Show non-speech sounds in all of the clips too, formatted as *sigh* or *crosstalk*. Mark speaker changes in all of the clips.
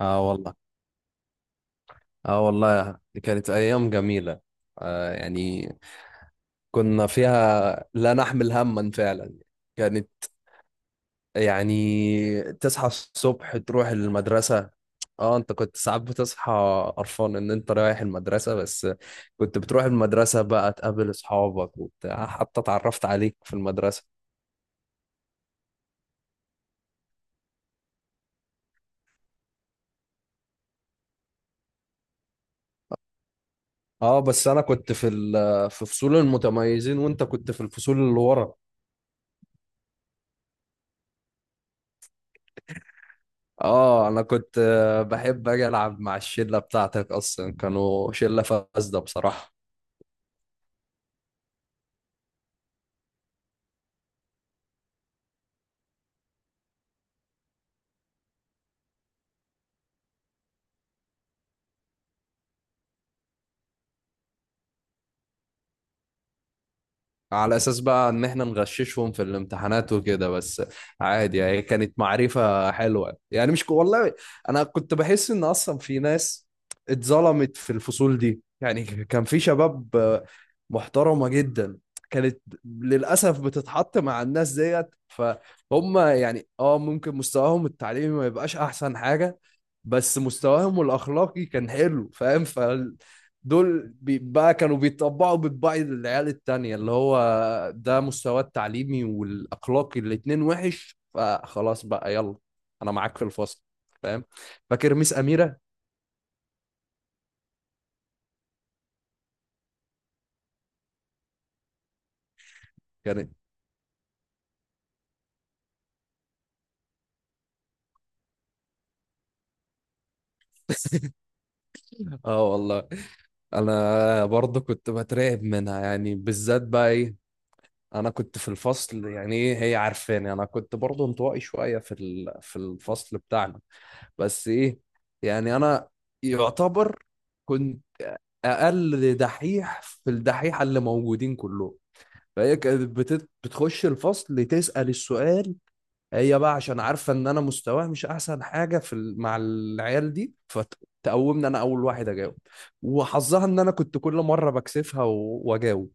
Speaker 1: اه والله اه والله، دي كانت ايام جميله. يعني كنا فيها لا نحمل هما فعلا. كانت، يعني، تصحى الصبح تروح المدرسه. اه، انت كنت ساعات بتصحى قرفان ان انت رايح المدرسه بس. كنت بتروح المدرسه بقى تقابل اصحابك وبتاع، حتى اتعرفت عليك في المدرسه. اه بس انا كنت في في فصول المتميزين، وانت كنت في الفصول اللي ورا. اه انا كنت، بحب اجي العب مع الشله بتاعتك، اصلا كانوا شله فاسده بصراحه. على اساس بقى ان احنا نغششهم في الامتحانات وكده بس. عادي يعني، كانت معرفة حلوة يعني، مش والله انا كنت بحس ان اصلا في ناس اتظلمت في الفصول دي، يعني كان في شباب محترمة جدا. كانت للأسف بتتحط مع الناس ديت، فهم يعني اه ممكن مستواهم التعليمي ما يبقاش احسن حاجة، بس مستواهم الاخلاقي كان حلو فاهم. دول بقى كانوا بيطبعوا بطباع العيال التانية، اللي هو ده مستواه التعليمي والأخلاقي الاتنين وحش، فخلاص بقى يلا أنا معاك في الفصل، فاهم؟ فاكر ميس أميرة؟ كانت *laughs* اه والله، انا برضه كنت بترعب منها، يعني بالذات بقى ايه، انا كنت في الفصل، يعني ايه، هي عارفاني انا كنت برضه انطوائي شويه في في الفصل بتاعنا. بس ايه، يعني انا يعتبر كنت اقل دحيح في الدحيحه اللي موجودين كلهم. فهي كانت بتخش الفصل تسال السؤال. هي بقى عشان عارفه ان انا مستواي مش احسن حاجه في مع العيال دي، فتقومني انا اول واحد اجاوب. وحظها ان انا كنت كل مره بكسفها واجاوب.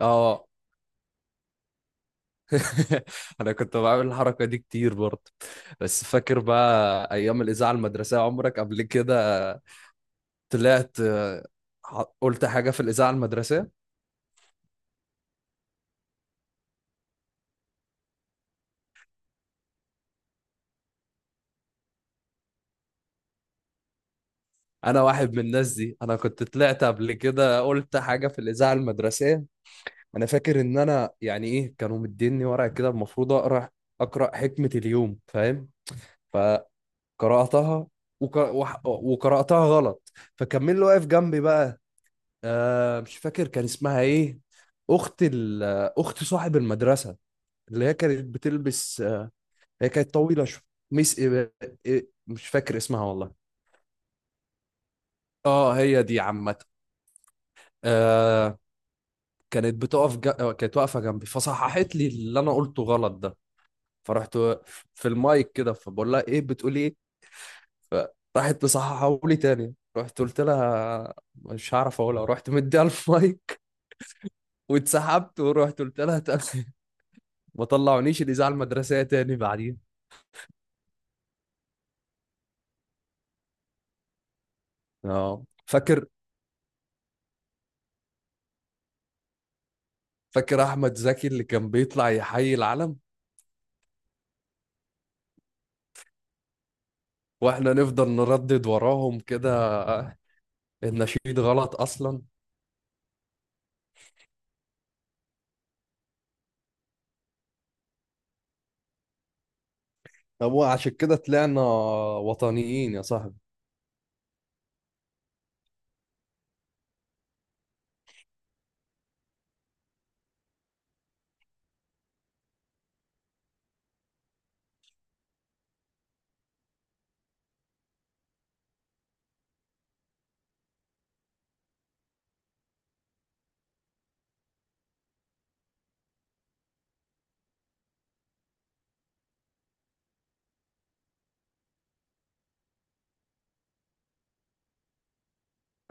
Speaker 1: اه *laughs* انا كنت بعمل الحركه دي كتير برضه. بس فاكر بقى ايام الاذاعه المدرسيه؟ عمرك قبل كده طلعت؟ قلت حاجه في الاذاعه المدرسيه. انا واحد من الناس دي، انا كنت طلعت قبل كده قلت حاجه في الاذاعه المدرسيه. انا فاكر ان انا يعني ايه، كانوا مديني ورقه كده المفروض اقرا، اقرا حكمه اليوم، فاهم؟ فقراتها، وقراتها غلط، فكمل اللي واقف جنبي بقى. آه مش فاكر كان اسمها ايه، اخت اخت صاحب المدرسه، اللي هي كانت بتلبس، هي كانت طويله شويه. ميس مش فاكر اسمها والله. اه، هي دي، عامه، آه، كانت بتقف ج... آه، كانت واقفه جنبي فصححت لي اللي انا قلته غلط ده. فرحت في المايك كده فبقول لها: ايه بتقولي ايه؟ فراحت مصححه لي تاني، رحت قلت لها: مش هعرف اقولها. رحت مديها *laughs* المايك، واتسحبت. ورحت قلت لها تاني *laughs* ما طلعونيش الاذاعه المدرسيه تاني بعدين. اه، فاكر. فاكر احمد زكي اللي كان بيطلع يحيي العلم؟ واحنا نفضل نردد وراهم كده النشيد غلط اصلا. طب وعشان كده طلعنا وطنيين يا صاحبي.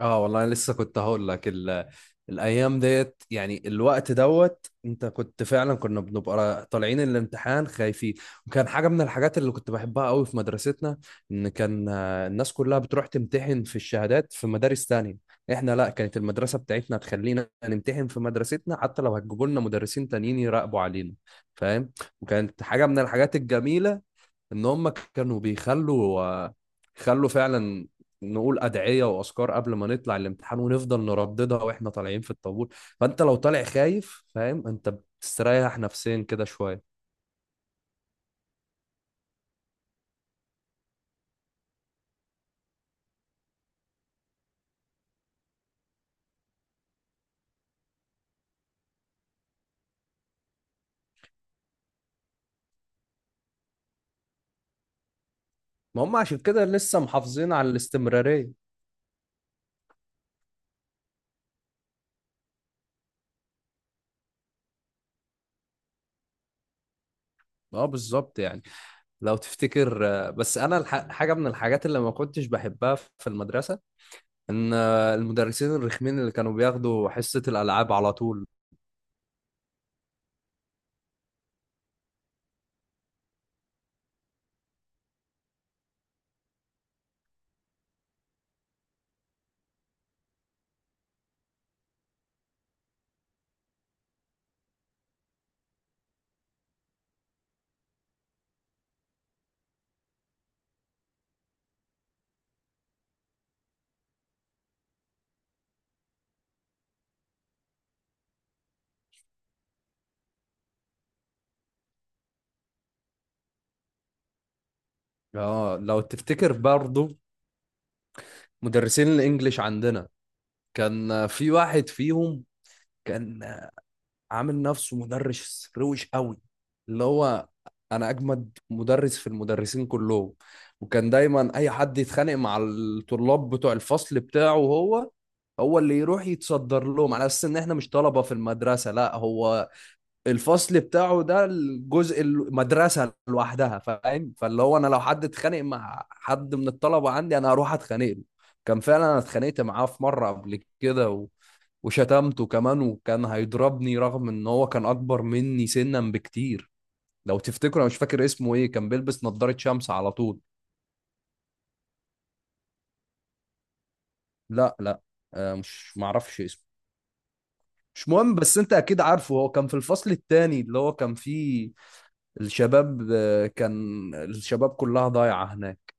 Speaker 1: اه والله، انا لسه كنت هقول لك الايام ديت، يعني الوقت دوت، انت كنت فعلا كنا بنبقى طالعين الامتحان خايفين. وكان حاجه من الحاجات اللي كنت بحبها قوي في مدرستنا، ان كان الناس كلها بتروح تمتحن في الشهادات في مدارس تانية. احنا لا، كانت المدرسه بتاعتنا تخلينا نمتحن في مدرستنا، حتى لو هتجيبوا لنا مدرسين تانيين يراقبوا علينا، فاهم؟ وكانت حاجه من الحاجات الجميله، ان هم كانوا بيخلوا آه، خلوا فعلا نقول ادعيه واذكار قبل ما نطلع الامتحان، ونفضل نرددها واحنا طالعين في الطابور. فانت لو طالع خايف، فاهم، انت بتستريح نفسيا كده شويه. ما هم عشان كده لسه محافظين على الاستمراريه. اه بالظبط، يعني لو تفتكر، بس انا حاجه من الحاجات اللي ما كنتش بحبها في المدرسه ان المدرسين الرخمين اللي كانوا بياخدوا حصه الالعاب على طول. اه لو تفتكر برضو، مدرسين الانجليش عندنا، كان في واحد فيهم كان عامل نفسه مدرس روش قوي، اللي هو انا اجمد مدرس في المدرسين كلهم. وكان دايما اي حد يتخانق مع الطلاب بتوع الفصل بتاعه، هو هو اللي يروح يتصدر لهم، على اساس ان احنا مش طلبة في المدرسة، لا هو، الفصل بتاعه ده الجزء المدرسة لوحدها، فاهم؟ فاللي هو انا، لو حد اتخانق مع حد من الطلبة عندي انا هروح اتخانق له. كان فعلا انا اتخانقت معاه في مرة قبل كده، وشتمته كمان، وكان هيضربني رغم ان هو كان اكبر مني سنا بكتير. لو تفتكروا، انا مش فاكر اسمه ايه، كان بيلبس نظارة شمس على طول. لا لا، آه مش معرفش اسمه. مش مهم، بس انت اكيد عارفه، هو كان في الفصل التاني اللي هو كان فيه الشباب، كان الشباب كلها ضايعة هناك.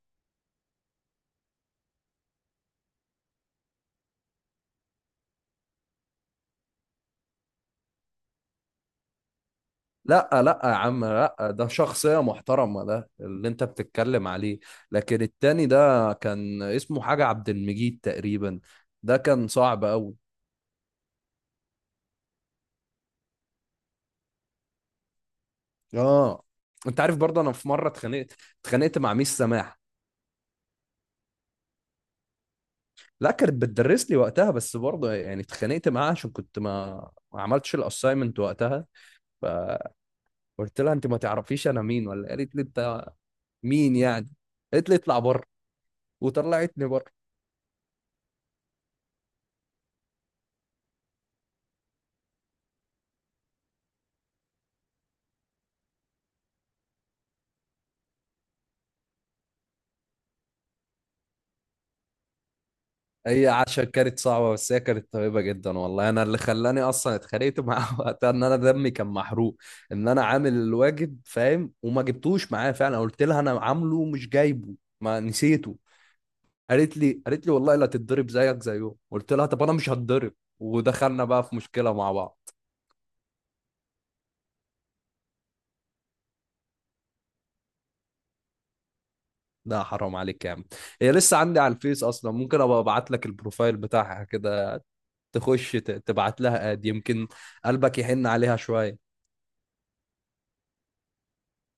Speaker 1: لا لا يا عم، لا ده شخصية محترمة ده اللي انت بتتكلم عليه. لكن التاني ده كان اسمه حاجة عبد المجيد تقريبا، ده كان صعب قوي. اه، انت عارف برضه انا في مره اتخانقت، اتخانقت مع ميس سماح. لا كانت بتدرس لي وقتها، بس برضه يعني اتخانقت معاها عشان كنت ما عملتش الاساينمنت وقتها. فقلت لها: انت ما تعرفيش انا مين؟ ولا قالت لي: انت مين يعني؟ قالت لي اطلع بره، وطلعتني بره. هي عشان كانت صعبه، بس هي كانت طيبه جدا والله. انا اللي خلاني اصلا اتخانقت معاها *laughs* وقتها، ان انا دمي كان محروق، ان انا عامل الواجب فاهم وما جبتوش معايا. فعلا قلت لها انا عامله مش جايبه، ما نسيته. قالت لي والله لا تتضرب زيك زيه، قلت لها: طب انا مش هتضرب. ودخلنا بقى في مشكله مع بعض. لا حرام عليك يا عم، هي لسه عندي على الفيس اصلا، ممكن ابقى ابعت لك البروفايل بتاعها كده، تخش تبعت لها اد يمكن قلبك يحن عليها شويه.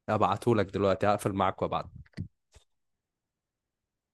Speaker 1: ابعته لك دلوقتي، هقفل معاك وابعت.